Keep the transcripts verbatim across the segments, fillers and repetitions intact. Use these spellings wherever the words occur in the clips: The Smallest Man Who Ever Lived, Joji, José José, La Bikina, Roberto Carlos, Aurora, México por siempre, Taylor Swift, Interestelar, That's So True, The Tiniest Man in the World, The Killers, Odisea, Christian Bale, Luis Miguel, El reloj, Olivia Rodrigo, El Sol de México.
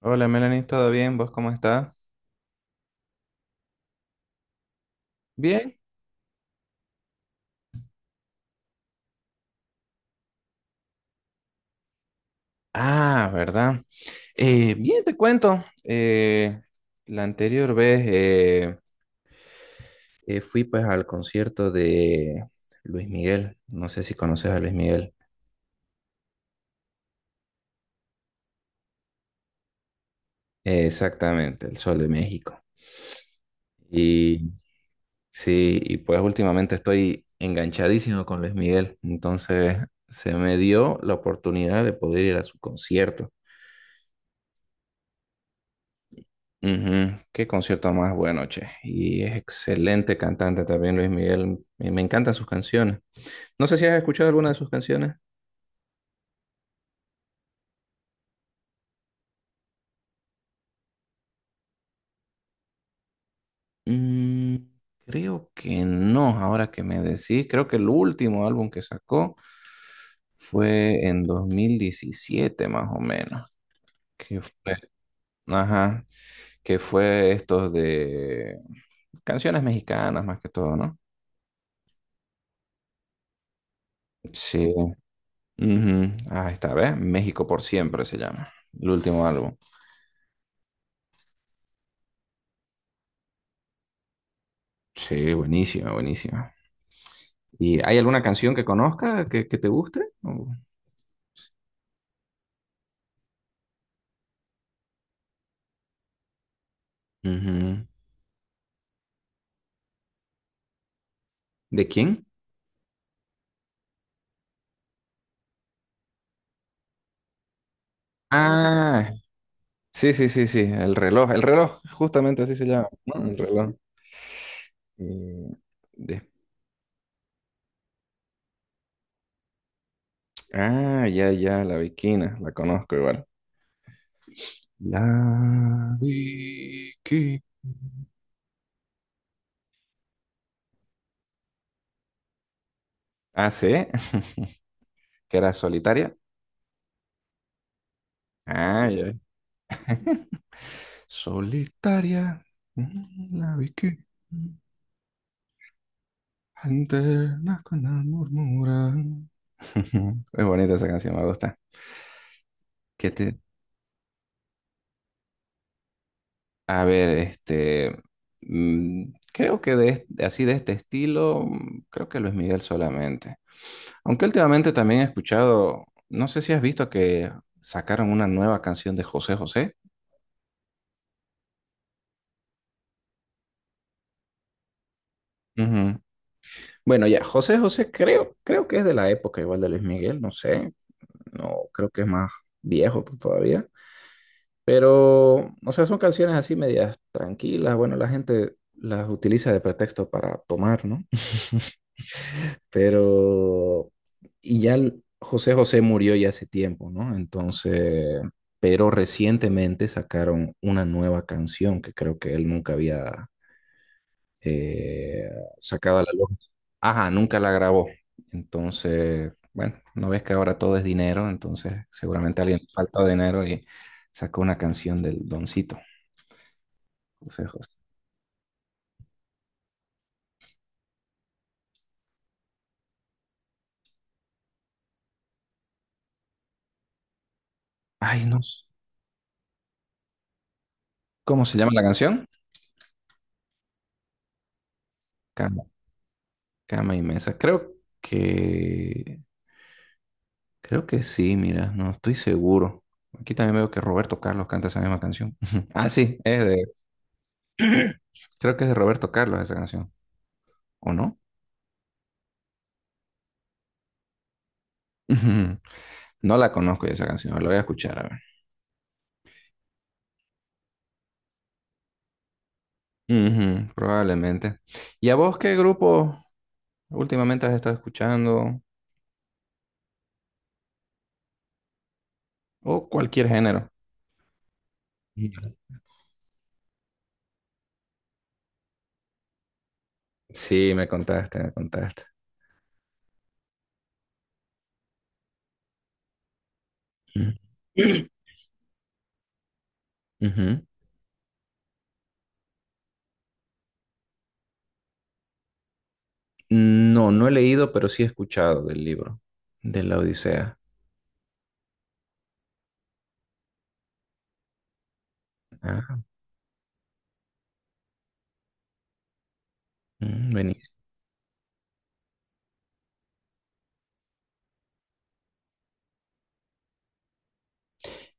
Hola Melanie, ¿todo bien? ¿Vos cómo estás? Bien. Ah, ¿verdad? Eh, bien, te cuento. eh, la anterior vez eh, eh, fui pues al concierto de Luis Miguel. No sé si conoces a Luis Miguel. Eh, exactamente, El Sol de México. Y sí, y pues últimamente estoy enganchadísimo con Luis Miguel. Entonces se me dio la oportunidad de poder ir a su concierto. Ujú. Qué concierto más bueno, che. Y es excelente cantante también Luis Miguel. Me, me encantan sus canciones. No sé si has escuchado alguna de sus canciones. Mm, creo que no, ahora que me decís. Creo que el último álbum que sacó fue en dos mil diecisiete, más o menos. Que fue, ajá, que fue estos de canciones mexicanas más que todo, ¿no? Sí. Ujú. Ah, esta vez México por siempre se llama. El último álbum. Sí, buenísima, buenísima. ¿Y hay alguna canción que conozca que, que te guste? O- Ujú. ¿De quién? Ah, sí, sí, sí, sí, el reloj, el reloj, justamente así se llama, ¿no? El reloj. Y de- Ah, ya, ya, la Bikina, la conozco igual. La Bikina. Ah, sí, que era solitaria. Ah, ya. Solitaria, mm, la Bikina. Anternas con amor murmuran. Es bonita esa canción, me gusta. ¿Qué te...? A ver, este, mm, creo que de, est- así de este estilo, mm, creo que Luis Miguel solamente. Aunque últimamente también he escuchado, no sé si has visto que sacaron una nueva canción de José José. Ujú. Bueno, ya, José José creo, creo que es de la época igual de Luis Miguel, no sé, no creo que es más viejo todavía. Pero, o sea, son canciones así medias tranquilas. Bueno, la gente las utiliza de pretexto para tomar, ¿no? Pero, y ya el- José José murió ya hace tiempo, ¿no? Entonces, pero recientemente sacaron una nueva canción que creo que él nunca había eh, sacado a la luz. Ajá, nunca la grabó. Entonces, bueno, no ves que ahora todo es dinero, entonces seguramente alguien le falta dinero y sacó una canción del Doncito, José José. Ay, no. s- ¿Cómo se llama la canción? Cama, cama y mesa. Creo que. Creo que sí, mira, no estoy seguro. Aquí también veo que Roberto Carlos canta esa misma canción. Ah, sí, es de. Creo que es de Roberto Carlos esa canción. ¿O no? Ujú. No la conozco esa canción, la voy a escuchar, a ver. Ujú, probablemente. ¿Y a vos qué grupo últimamente has estado escuchando? O cualquier género. Ujú. Sí, me contaste, me contaste. Ujú. Ujú. No, no he leído, pero sí he escuchado del libro, de la Odisea. Ah, mm, buenísimo.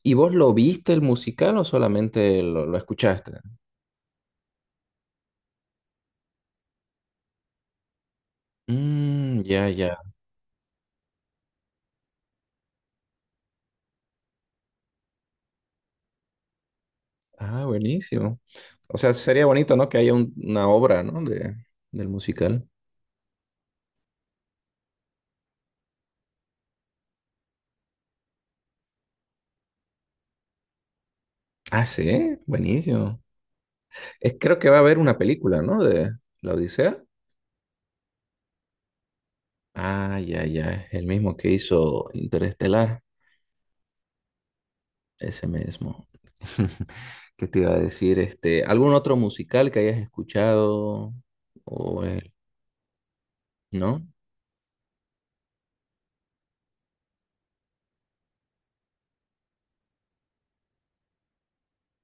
¿Y vos lo viste el musical o solamente lo, lo escuchaste? Mm, ya, ya. Ah, buenísimo. O sea, sería bonito, ¿no? Que haya un- una obra, ¿no? De, del musical. Ah, sí, buenísimo. Es- creo que va a haber una película, ¿no? De la Odisea. Ah, ya, ya. El mismo que hizo Interestelar. Ese mismo. ¿Qué te iba a decir? Este, ¿algún otro musical que hayas escuchado? O, eh, ¿no?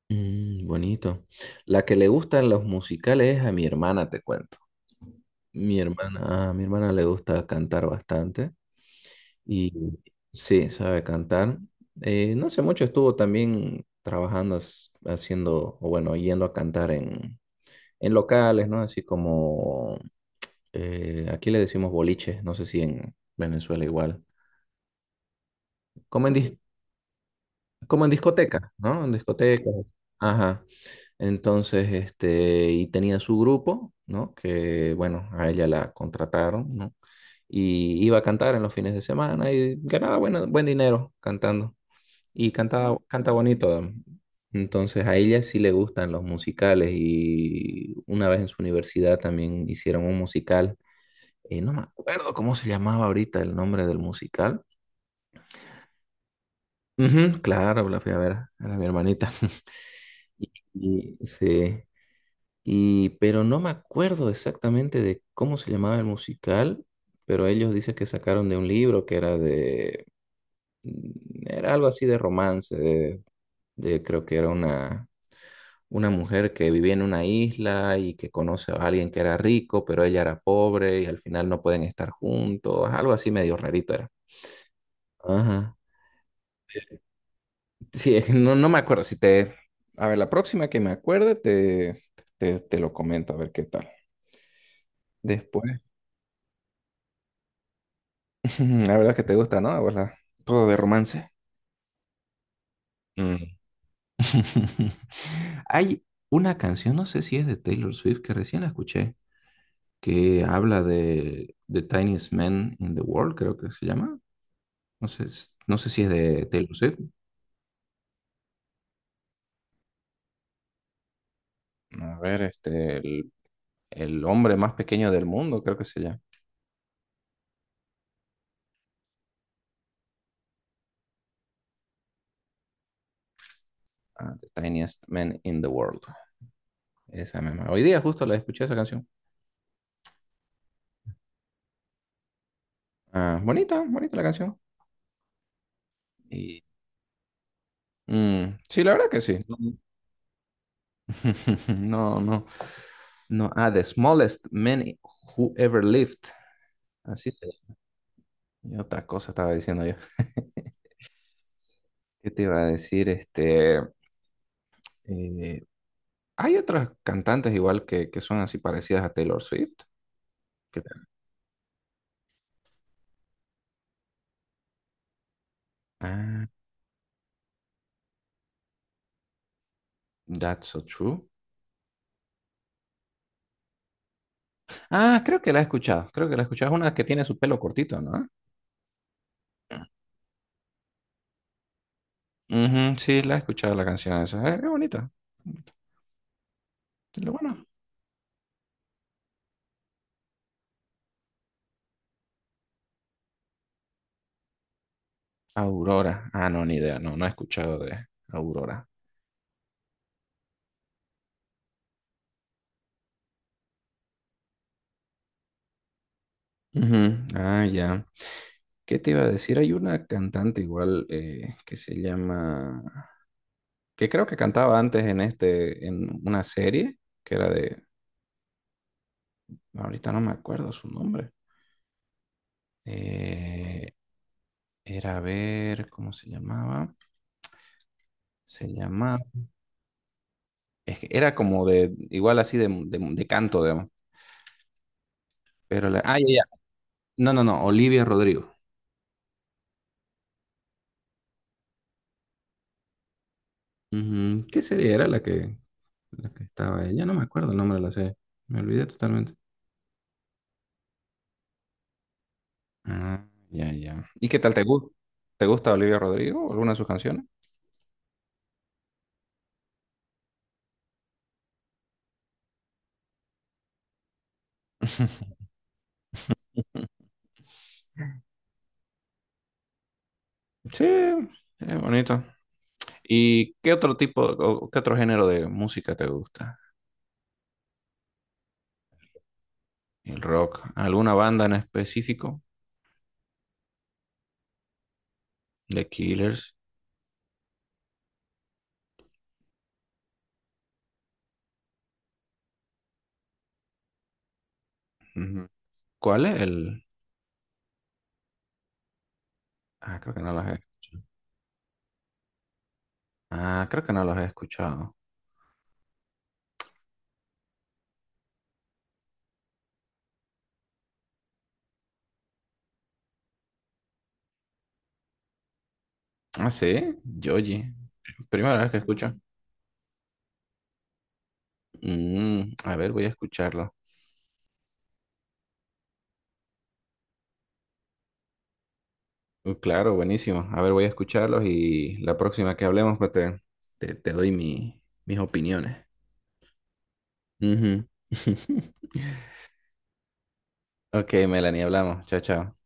Mm, bonito. La que le gustan los musicales es a mi hermana, te cuento. Mi hermana, a mi hermana le gusta cantar bastante y sí, sabe cantar. Eh, no hace mucho estuvo también trabajando, as- haciendo, o bueno, yendo a cantar en, en, locales, ¿no? Así como Eh, aquí le decimos boliche, no sé si en Venezuela igual. Como en, dis- Como en discoteca, ¿no? En discotecas. Ajá. Entonces, este, y tenía su grupo, ¿no? Que, bueno, a ella la contrataron, ¿no? Y iba a cantar en los fines de semana y ganaba buena- buen dinero cantando. Y cantaba, canta bonito. Entonces, a ella sí le gustan los musicales y una vez en su universidad también hicieron un musical eh, no me acuerdo cómo se llamaba ahorita el nombre del musical. Ujú, claro, la fui a ver, era mi hermanita. Y, y- sí, y, pero no me acuerdo exactamente de cómo se llamaba el musical, pero ellos dicen que sacaron de un libro que era de, mm, era algo así de romance, de, de- creo que era una, una mujer que vivía en una isla y que conoce a alguien que era rico, pero ella era pobre y al final no pueden estar juntos, algo así medio rarito era. Ajá. Sí, no, no me acuerdo. Si te. A ver, la próxima que me acuerde, te, te, te lo comento, a ver qué tal. Después, la verdad es que te gusta, ¿no? A vos la- todo de romance. Mm. Hay una canción, no sé si es de Taylor Swift, que recién la escuché, que habla de The Tiniest Man in the World, creo que se llama. No sé, s- no sé si es de Taylor Swift. A ver, este, el, el hombre más pequeño del mundo, creo que se llama. Ah, The Tiniest Man in the World. Esa misma. Hoy día justo la escuché esa canción. Ah, bonita, bonita la canción. Y, mm, sí, la verdad que sí. No, no, no. Ah, The Smallest Man Who Ever Lived. Así se llama. Y otra cosa estaba diciendo yo. ¿Qué te iba a decir? Este, eh, hay otras cantantes igual que, que son así parecidas a Taylor Swift. ¿Qué tal? Ah, That's So True. Ah, creo que la he escuchado. Creo que la he escuchado. Es una que tiene su pelo cortito, ¿no? Ujú, sí, la he escuchado la canción esa. Es, es bonita. Es lo bueno. Aurora. Ah, no, ni idea. No, no he escuchado de Aurora. Ujú. Ah, ya. ¿Qué te iba a decir? Hay una cantante igual eh, que se llama, que creo que cantaba antes en este, en una serie que era de, ahorita no me acuerdo su nombre. Eh, era a ver, ¿cómo se llamaba? Se llamaba, es que era como de, igual así de, de, de canto, digamos. Pero la, ah, ya, ya. No, no, no, Olivia Rodrigo. Ujú. ¿Qué serie era la que, la que estaba? Ya no me acuerdo el nombre de la serie. Me olvidé totalmente. Ah, ya, ya. ¿Y qué tal te gusta? ¿Te gusta Olivia Rodrigo o alguna de sus canciones? Sí, es bonito. ¿Y qué otro tipo o qué otro género de música te gusta? El rock. ¿Alguna banda en específico? The Killers. Ujú. ¿Cuál es el? Ah, creo que no los he escuchado. Ah, creo que no los he escuchado. Ah, sí, Joji. Primera vez que escucho. Mm, a ver, voy a escucharlo. Uh, Claro, buenísimo. A ver, voy a escucharlos y la próxima que hablemos, pues te, te, te, doy mi, mis opiniones. Ujú. Ok, Melanie, hablamos. Chao, chao.